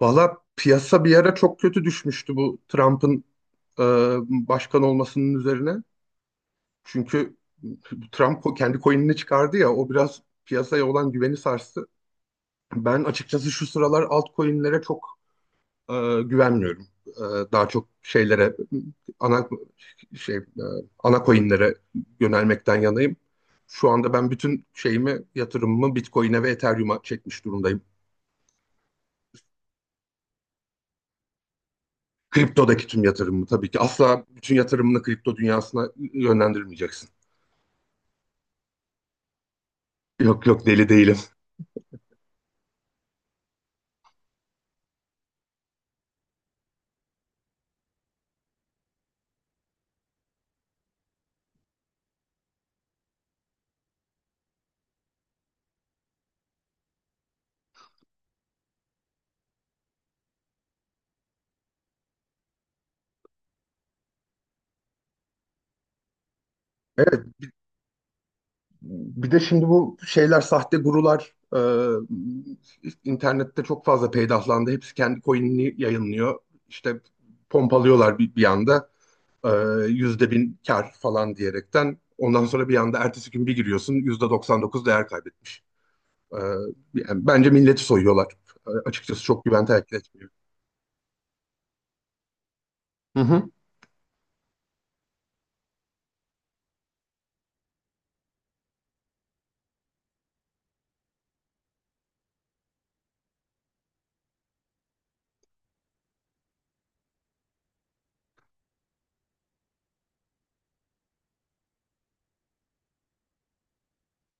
Valla piyasa bir ara çok kötü düşmüştü bu Trump'ın e, başkan olmasının üzerine. Çünkü kendi coin'ini çıkardı ya, o biraz piyasaya olan güveni sarstı. Ben açıkçası şu sıralar altcoin'lere çok güvenmiyorum. Daha çok şeylere ana şey e, ana coin'lere yönelmekten yanayım. Şu anda ben bütün yatırımımı Bitcoin'e ve Ethereum'a çekmiş durumdayım. Kriptodaki tüm yatırımımı tabii ki. Asla bütün yatırımını kripto dünyasına yönlendirmeyeceksin. Yok, yok, deli değilim. Evet, bir de şimdi bu şeyler, sahte gurular internette çok fazla peydahlandı. Hepsi kendi coin'ini yayınlıyor. İşte pompalıyorlar bir anda e, yüzde bin kar falan diyerekten. Ondan sonra bir anda ertesi gün bir giriyorsun, yüzde 99 değer kaybetmiş. E, Yani bence milleti soyuyorlar. Açıkçası çok güven teşkil etmiyor. Hı hı.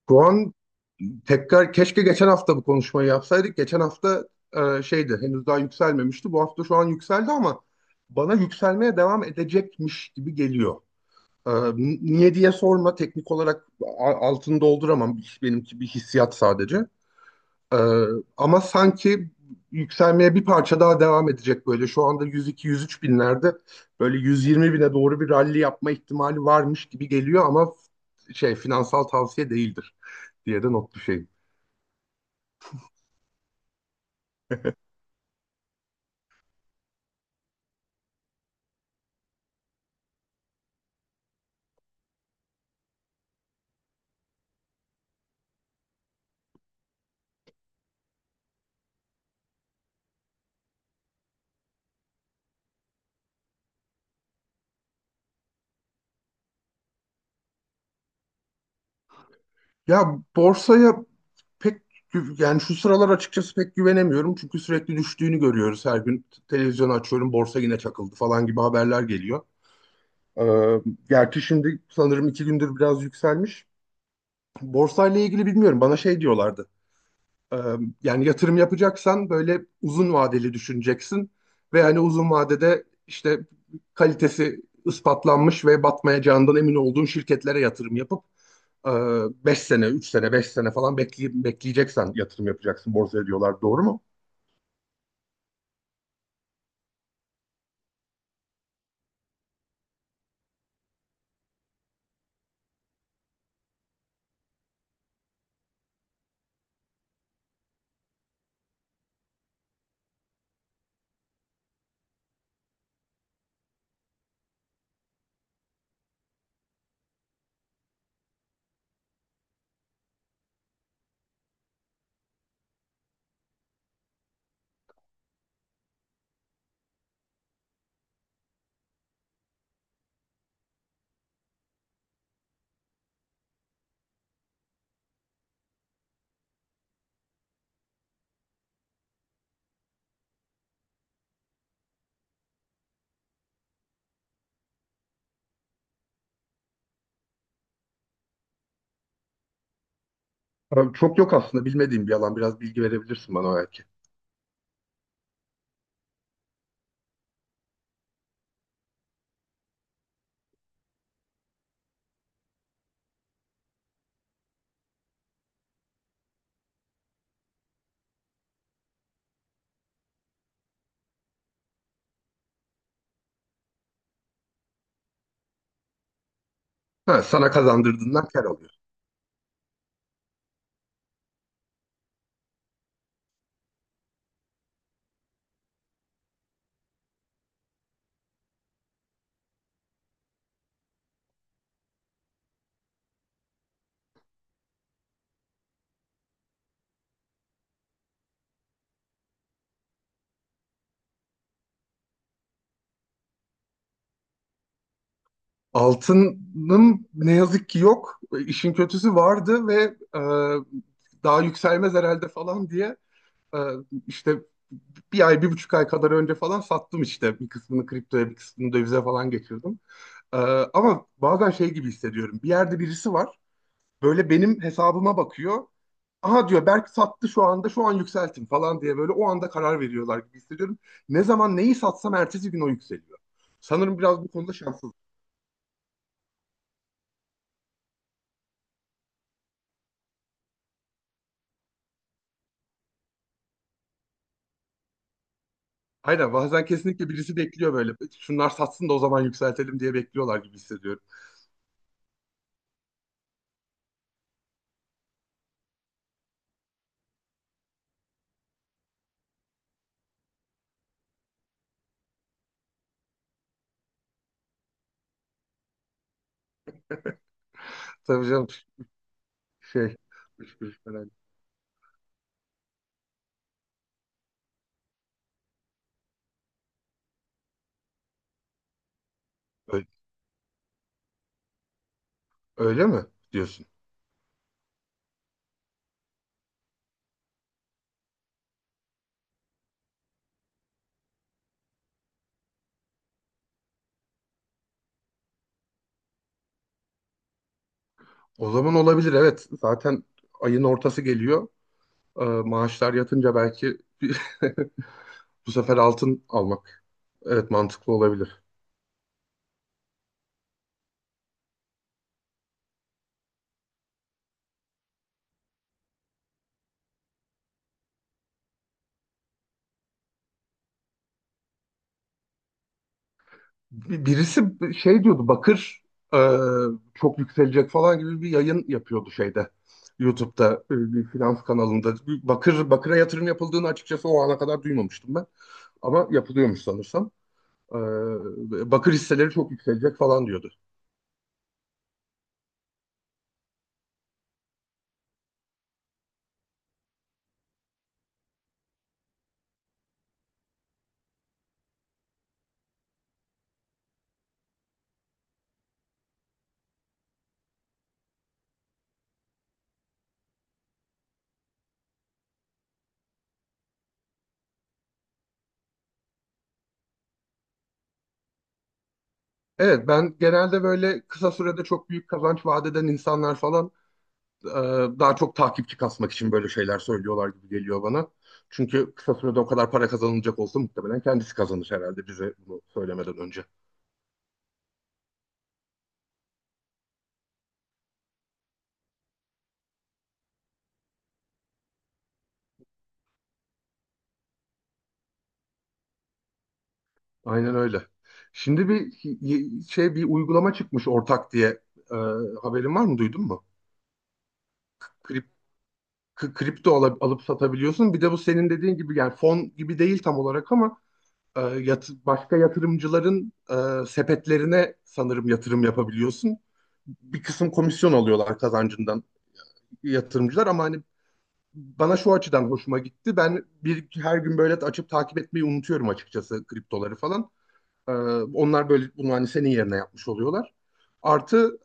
Şu an, tekrar keşke geçen hafta bu konuşmayı yapsaydık. Geçen hafta şeydi, henüz daha yükselmemişti. Bu hafta şu an yükseldi ama bana yükselmeye devam edecekmiş gibi geliyor. Niye diye sorma. Teknik olarak altını dolduramam. Benimki bir hissiyat sadece. E, Ama sanki yükselmeye bir parça daha devam edecek böyle. Şu anda 102-103 binlerde, böyle 120 bine doğru bir ralli yapma ihtimali varmış gibi geliyor ama şey, finansal tavsiye değildir diye de not düşeyim. Ya borsaya pek yani şu sıralar açıkçası pek güvenemiyorum. Çünkü sürekli düştüğünü görüyoruz. Her gün televizyonu açıyorum, borsa yine çakıldı falan gibi haberler geliyor. Ee, Gerçi şimdi sanırım iki gündür biraz yükselmiş. Borsayla ilgili bilmiyorum. Bana şey diyorlardı. Ee, Yani yatırım yapacaksan böyle uzun vadeli düşüneceksin. Ve hani uzun vadede işte kalitesi ispatlanmış ve batmayacağından emin olduğun şirketlere yatırım yapıp ee, beş sene, 3 sene, 5 sene falan bekleyip bekleyeceksen yatırım yapacaksın borsaya diyorlar. Doğru mu? Abi çok yok aslında, bilmediğim bir alan. Biraz bilgi verebilirsin bana belki. Ha, sana kazandırdığından kar alıyor. Altının ne yazık ki yok. İşin kötüsü vardı ve e, daha yükselmez herhalde falan diye e, işte bir ay, bir buçuk ay kadar önce falan sattım işte. Bir kısmını kriptoya, bir kısmını dövize falan geçirdim. E, Ama bazen şey gibi hissediyorum, bir yerde birisi var, böyle benim hesabıma bakıyor. Aha diyor, Berk sattı şu anda, şu an yükseltin falan diye, böyle o anda karar veriyorlar gibi hissediyorum. Ne zaman neyi satsam ertesi gün o yükseliyor. Sanırım biraz bu konuda şanssız. Aynen, bazen kesinlikle birisi bekliyor böyle. Şunlar satsın da o zaman yükseltelim diye bekliyorlar gibi hissediyorum. Tabii canım, şey, üç kuruş falan. Öyle, öyle mi diyorsun? O zaman olabilir, evet. Zaten ayın ortası geliyor. Maaşlar yatınca belki bu sefer altın almak. Evet, mantıklı olabilir. Birisi şey diyordu, bakır e, çok yükselecek falan gibi bir yayın yapıyordu şeyde, YouTube'da, bir finans kanalında. Bakır'a yatırım yapıldığını açıkçası o ana kadar duymamıştım ben. Ama yapılıyormuş sanırsam. E, Bakır hisseleri çok yükselecek falan diyordu. Evet, ben genelde böyle kısa sürede çok büyük kazanç vaat eden insanlar falan e, daha çok takipçi kasmak için böyle şeyler söylüyorlar gibi geliyor bana. Çünkü kısa sürede o kadar para kazanılacak olsa muhtemelen kendisi kazanır herhalde bize bunu söylemeden önce. Aynen öyle. Şimdi bir y- şey bir uygulama çıkmış, ortak diye. Ee, Haberin var mı, duydun mu? Krip, k- kripto ala- alıp satabiliyorsun. Bir de bu senin dediğin gibi yani fon gibi değil tam olarak ama başka yatırımcıların sepetlerine sanırım yatırım yapabiliyorsun. Bir kısım komisyon alıyorlar kazancından yatırımcılar ama hani bana şu açıdan hoşuma gitti. Ben bir her gün böyle açıp takip etmeyi unutuyorum açıkçası, kriptoları falan. Ee, Onlar böyle bunu hani senin yerine yapmış oluyorlar. Artı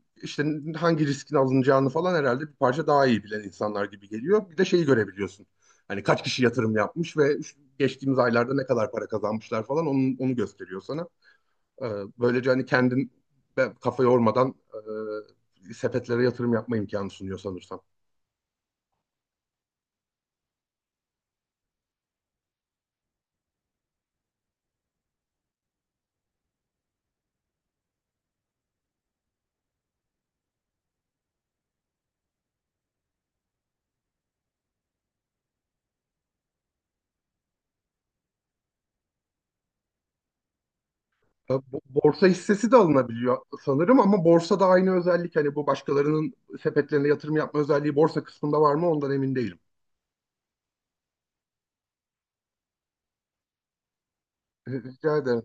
işte hangi riskin alınacağını falan herhalde bir parça daha iyi bilen insanlar gibi geliyor. Bir de şeyi görebiliyorsun, hani kaç kişi yatırım yapmış ve geçtiğimiz aylarda ne kadar para kazanmışlar falan, onu gösteriyor sana. Ee, Böylece hani kendin kafa yormadan sepetlere yatırım yapma imkanı sunuyor sanırsam. Borsa hissesi de alınabiliyor sanırım ama borsada aynı özellik, hani bu başkalarının sepetlerine yatırım yapma özelliği borsa kısmında var mı ondan emin değilim. Rica ederim.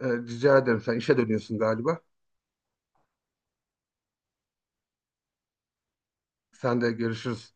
Rica ederim. Sen işe dönüyorsun galiba. Sen de, görüşürüz.